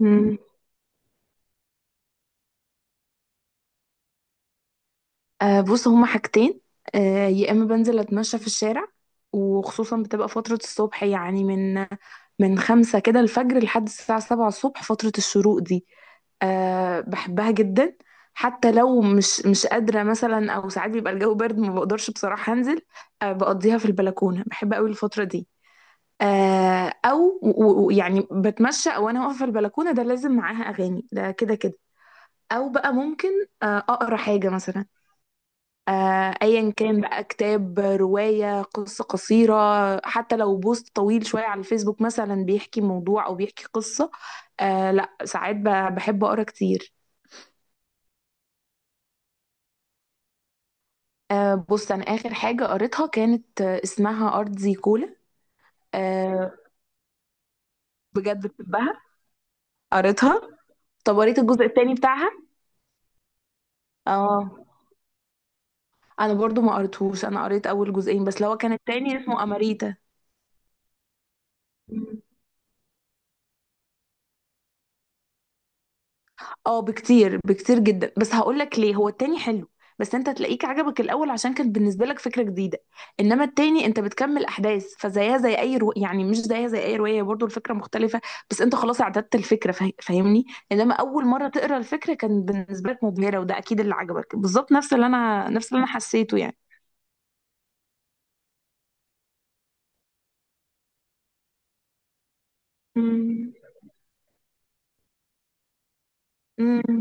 مم. بص، هما حاجتين. يا اما بنزل اتمشى في الشارع، وخصوصا بتبقى فترة الصبح، يعني من 5 كده الفجر لحد الساعة 7 الصبح، فترة الشروق دي. بحبها جدا. حتى لو مش قادرة مثلا، او ساعات بيبقى الجو برد ما بقدرش بصراحة انزل. بقضيها في البلكونة، بحب قوي الفترة دي. يعني بتمشى او انا واقفة في البلكونة، ده لازم معاها اغاني، ده كده كده. او بقى ممكن اقرا حاجة مثلا. ايا كان بقى كتاب، رواية، قصة قصيرة، حتى لو بوست طويل شوية على الفيسبوك مثلا بيحكي موضوع او بيحكي قصة. لا، ساعات بحب اقرا كتير. بص، انا اخر حاجة قريتها كانت، اسمها ارض زي كولا. آه بجد بحبها. قريتها. طب قريت الجزء التاني بتاعها؟ اه، انا برضو ما قريتهوش، انا قريت اول جزئين بس، اللي هو كان التاني اسمه اماريتا. اه بكتير، بكتير جدا. بس هقول لك ليه، هو التاني حلو، بس انت تلاقيك عجبك الاول عشان كانت بالنسبه لك فكره جديده. انما التاني انت بتكمل احداث، فزيها زي اي يعني مش زيها زي اي روايه، برضو الفكره مختلفه، بس انت خلاص اعتدت الفكره، فاهمني؟ انما اول مره تقرا الفكره كان بالنسبه لك مبهره، وده اكيد اللي عجبك، بالظبط نفس اللي انا حسيته يعني. امم. امم.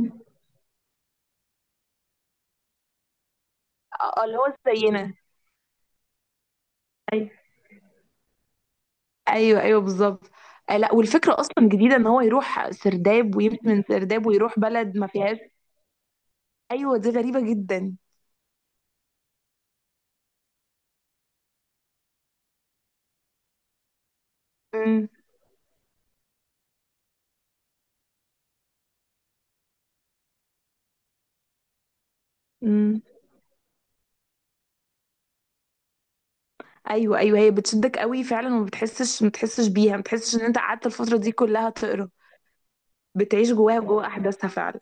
اه، اللي هو زينا. ايوه. ايوه، ايوه، بالظبط. لا، والفكره اصلا جديده، ان هو يروح سرداب ويمشي من سرداب ويروح بلد ما فيهاش. ايوه، دي غريبة جدا. امم. امم. ايوه، ايوه، هي بتشدك قوي فعلا، وما بتحسش ما بتحسش بيها، ما بتحسش ان انت قعدت الفترة دي كلها تقرا. بتعيش جواها، جوا احداثها فعلا.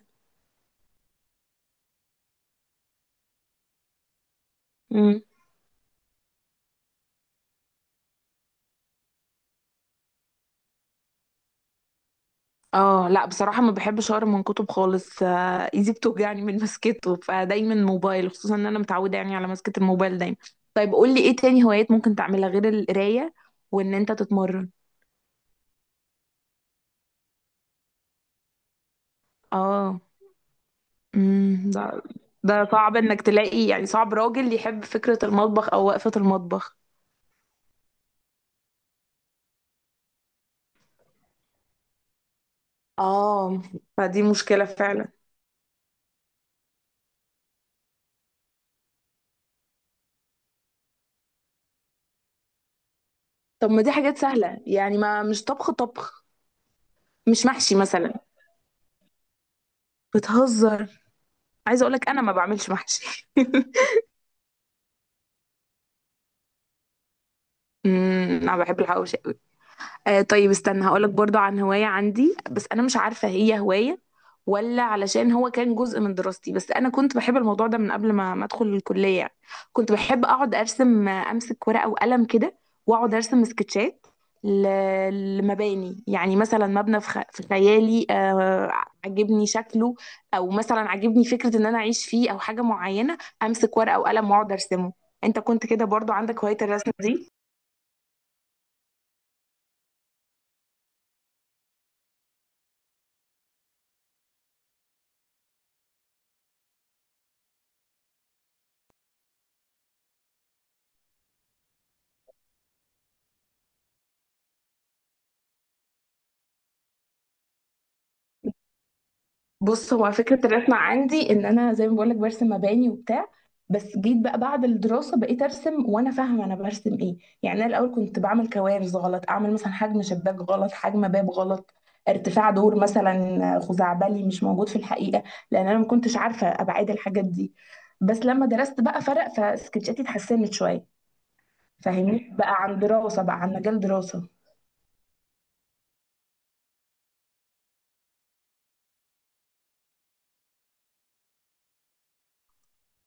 امم. اه لا، بصراحة ما بحبش اقرا من كتب خالص، ايدي بتوجعني من مسكته، فدايما موبايل، خصوصا ان انا متعودة يعني على مسكة الموبايل دايما. طيب قول لي ايه تاني هوايات ممكن تعملها غير القراية، وان انت تتمرن؟ اه. امم، ده صعب انك تلاقي، يعني صعب راجل يحب فكرة المطبخ او وقفة المطبخ. اه، فدي مشكلة فعلا. طب ما دي حاجات سهلة يعني، ما مش طبخ طبخ. مش محشي مثلا؟ بتهزر. عايزة اقولك انا ما بعملش محشي. امم، انا بحب الحواوشي. طيب استنى هقولك برضو عن هواية عندي، بس أنا مش عارفة هي هواية ولا علشان هو كان جزء من دراستي، بس أنا كنت بحب الموضوع ده من قبل ما أدخل الكلية يعني. كنت بحب أقعد أرسم، أمسك ورقة وقلم كده، وأقعد أرسم سكتشات لمباني، يعني مثلا مبنى في خيالي، عجبني شكله، أو مثلا عجبني فكرة إن أنا أعيش فيه أو حاجة معينة، أمسك ورقة وقلم وأقعد أرسمه. أنت كنت كده برضو عندك هواية الرسم دي؟ بص، هو فكرة الرسم عندي ان انا زي ما بقولك برسم مباني وبتاع، بس جيت بقى بعد الدراسة بقيت ارسم وانا فاهمة انا برسم ايه. يعني انا الاول كنت بعمل كوارث، غلط، اعمل مثلا حجم شباك غلط، حجم باب غلط، ارتفاع دور مثلا خزعبلي مش موجود في الحقيقة، لان انا ما كنتش عارفة ابعاد الحاجات دي. بس لما درست بقى فرق، فسكتشاتي اتحسنت شوية. فاهمني، بقى عن دراسة، بقى عن مجال دراسة.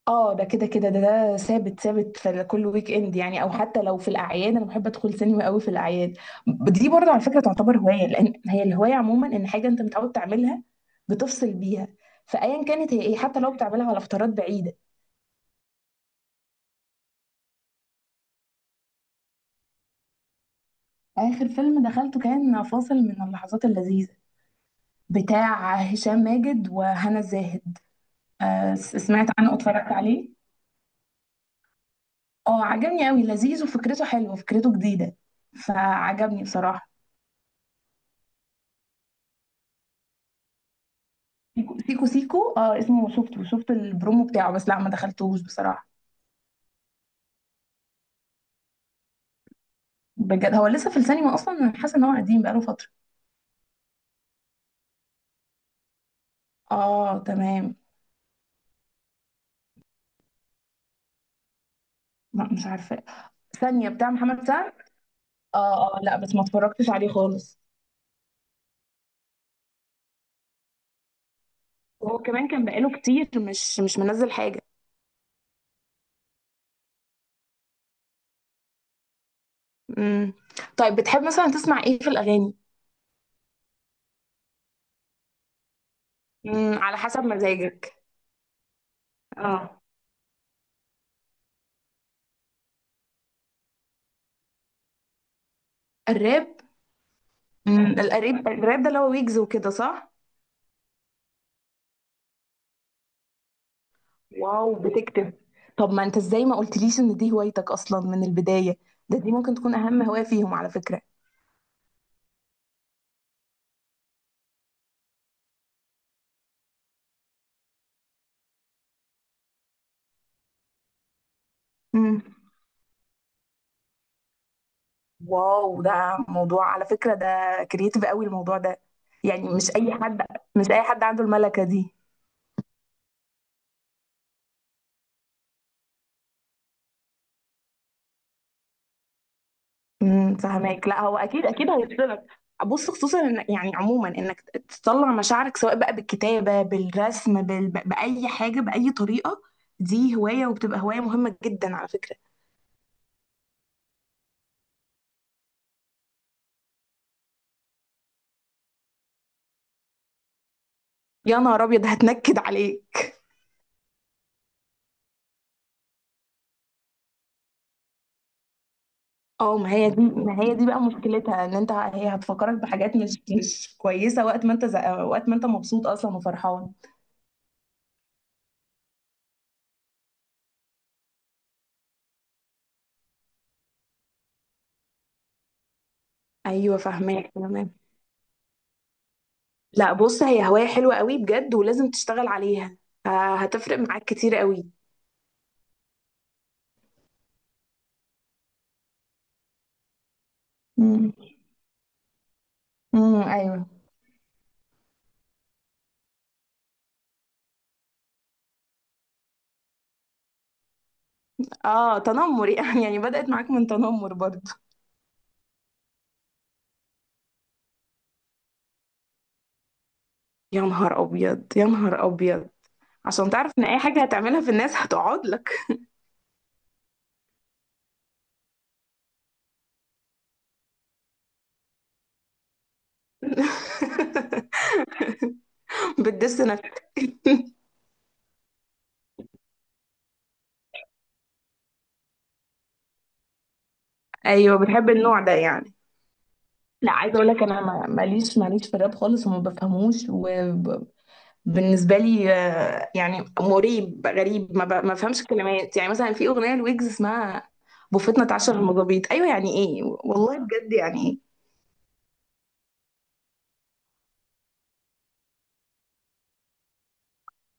اه، ده كده كده، ده ثابت ثابت في كل ويك اند يعني، او حتى لو في الاعياد، انا بحب ادخل سينما قوي في الاعياد. دي برضه على فكره تعتبر هوايه، لان هي الهوايه عموما ان حاجه انت متعود تعملها بتفصل بيها، فايا كانت هي ايه، حتى لو بتعملها على فترات بعيده. اخر فيلم دخلته كان فاصل من اللحظات اللذيذه، بتاع هشام ماجد وهنا الزاهد. سمعت عنه واتفرجت عليه. اه، عجبني قوي، لذيذ، وفكرته حلوه، فكرته جديده، فعجبني بصراحه. سيكو، سيكو، سيكو، اه اسمه، شفت البرومو بتاعه بس، لا ما دخلتوش بصراحة. بجد؟ هو لسه في السينما اصلا؟ انا حاسة ان هو قديم بقاله فترة. اه تمام. لا مش عارفة. ثانية، بتاع محمد سعد؟ اه، اه لا، بس ما اتفرجتش عليه خالص. وهو كمان كان بقاله كتير مش منزل حاجة. امم. طيب بتحب مثلا تسمع ايه في الأغاني؟ امم، على حسب مزاجك. اه. الراب. امم، الراب ده اللي هو ويجز وكده، صح؟ واو، بتكتب؟ طب ما انت ازاي ما قلتليش ان دي هوايتك اصلا من البداية؟ دي ممكن تكون اهم هواية فيهم على فكرة. امم. واو، ده موضوع على فكرة ده، كرييتيف قوي الموضوع ده. يعني مش اي حد، مش اي حد عنده الملكة دي. امم، فهماك. لا، هو اكيد اكيد هيفصلك. بص، خصوصا إن يعني عموما انك تطلع مشاعرك سواء بقى بالكتابة، بالرسم، بأي حاجة بأي طريقة، دي هواية وبتبقى هواية مهمة جدا على فكرة. يا نهار ابيض، هتنكد عليك. اه، ما هي دي بقى مشكلتها، ان انت هي هتفكرك بحاجات مش كويسه وقت ما انت مبسوط اصلا وفرحان. ايوه فاهماك تمام. لا بص، هي هوايه حلوه قوي بجد، ولازم تشتغل عليها، هتفرق معاك كتير قوي. امم. امم. ايوه. اه، تنمر يعني بدأت معاك من تنمر برضه. يا نهار ابيض، يا نهار ابيض، عشان تعرف ان اي حاجه هتعملها في الناس هتقعد لك. بتدس نفسك. ايوه، بتحب النوع ده يعني. لا، عايزه اقول لك انا ماليش، ماليش في الراب خالص وما بفهموش. وبالنسبه لي، يعني مريب غريب، ما بفهمش الكلمات. يعني مثلا في اغنيه لويجز اسمها "بوفتنا اتعشر المظابيط"، ايوه، يعني ايه والله؟ بجد يعني ايه؟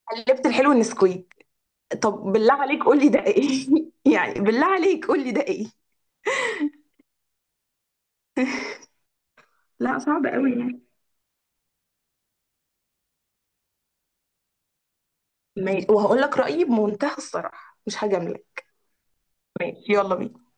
"قلبت الحلو النسكويك"، طب بالله عليك قول لي ده ايه؟ يعني بالله عليك قول لي ده ايه؟ لا صعب قوي يعني. ماشي، وهقول لك رايي بمنتهى الصراحه، مش هجاملك. ماشي، يلا بينا.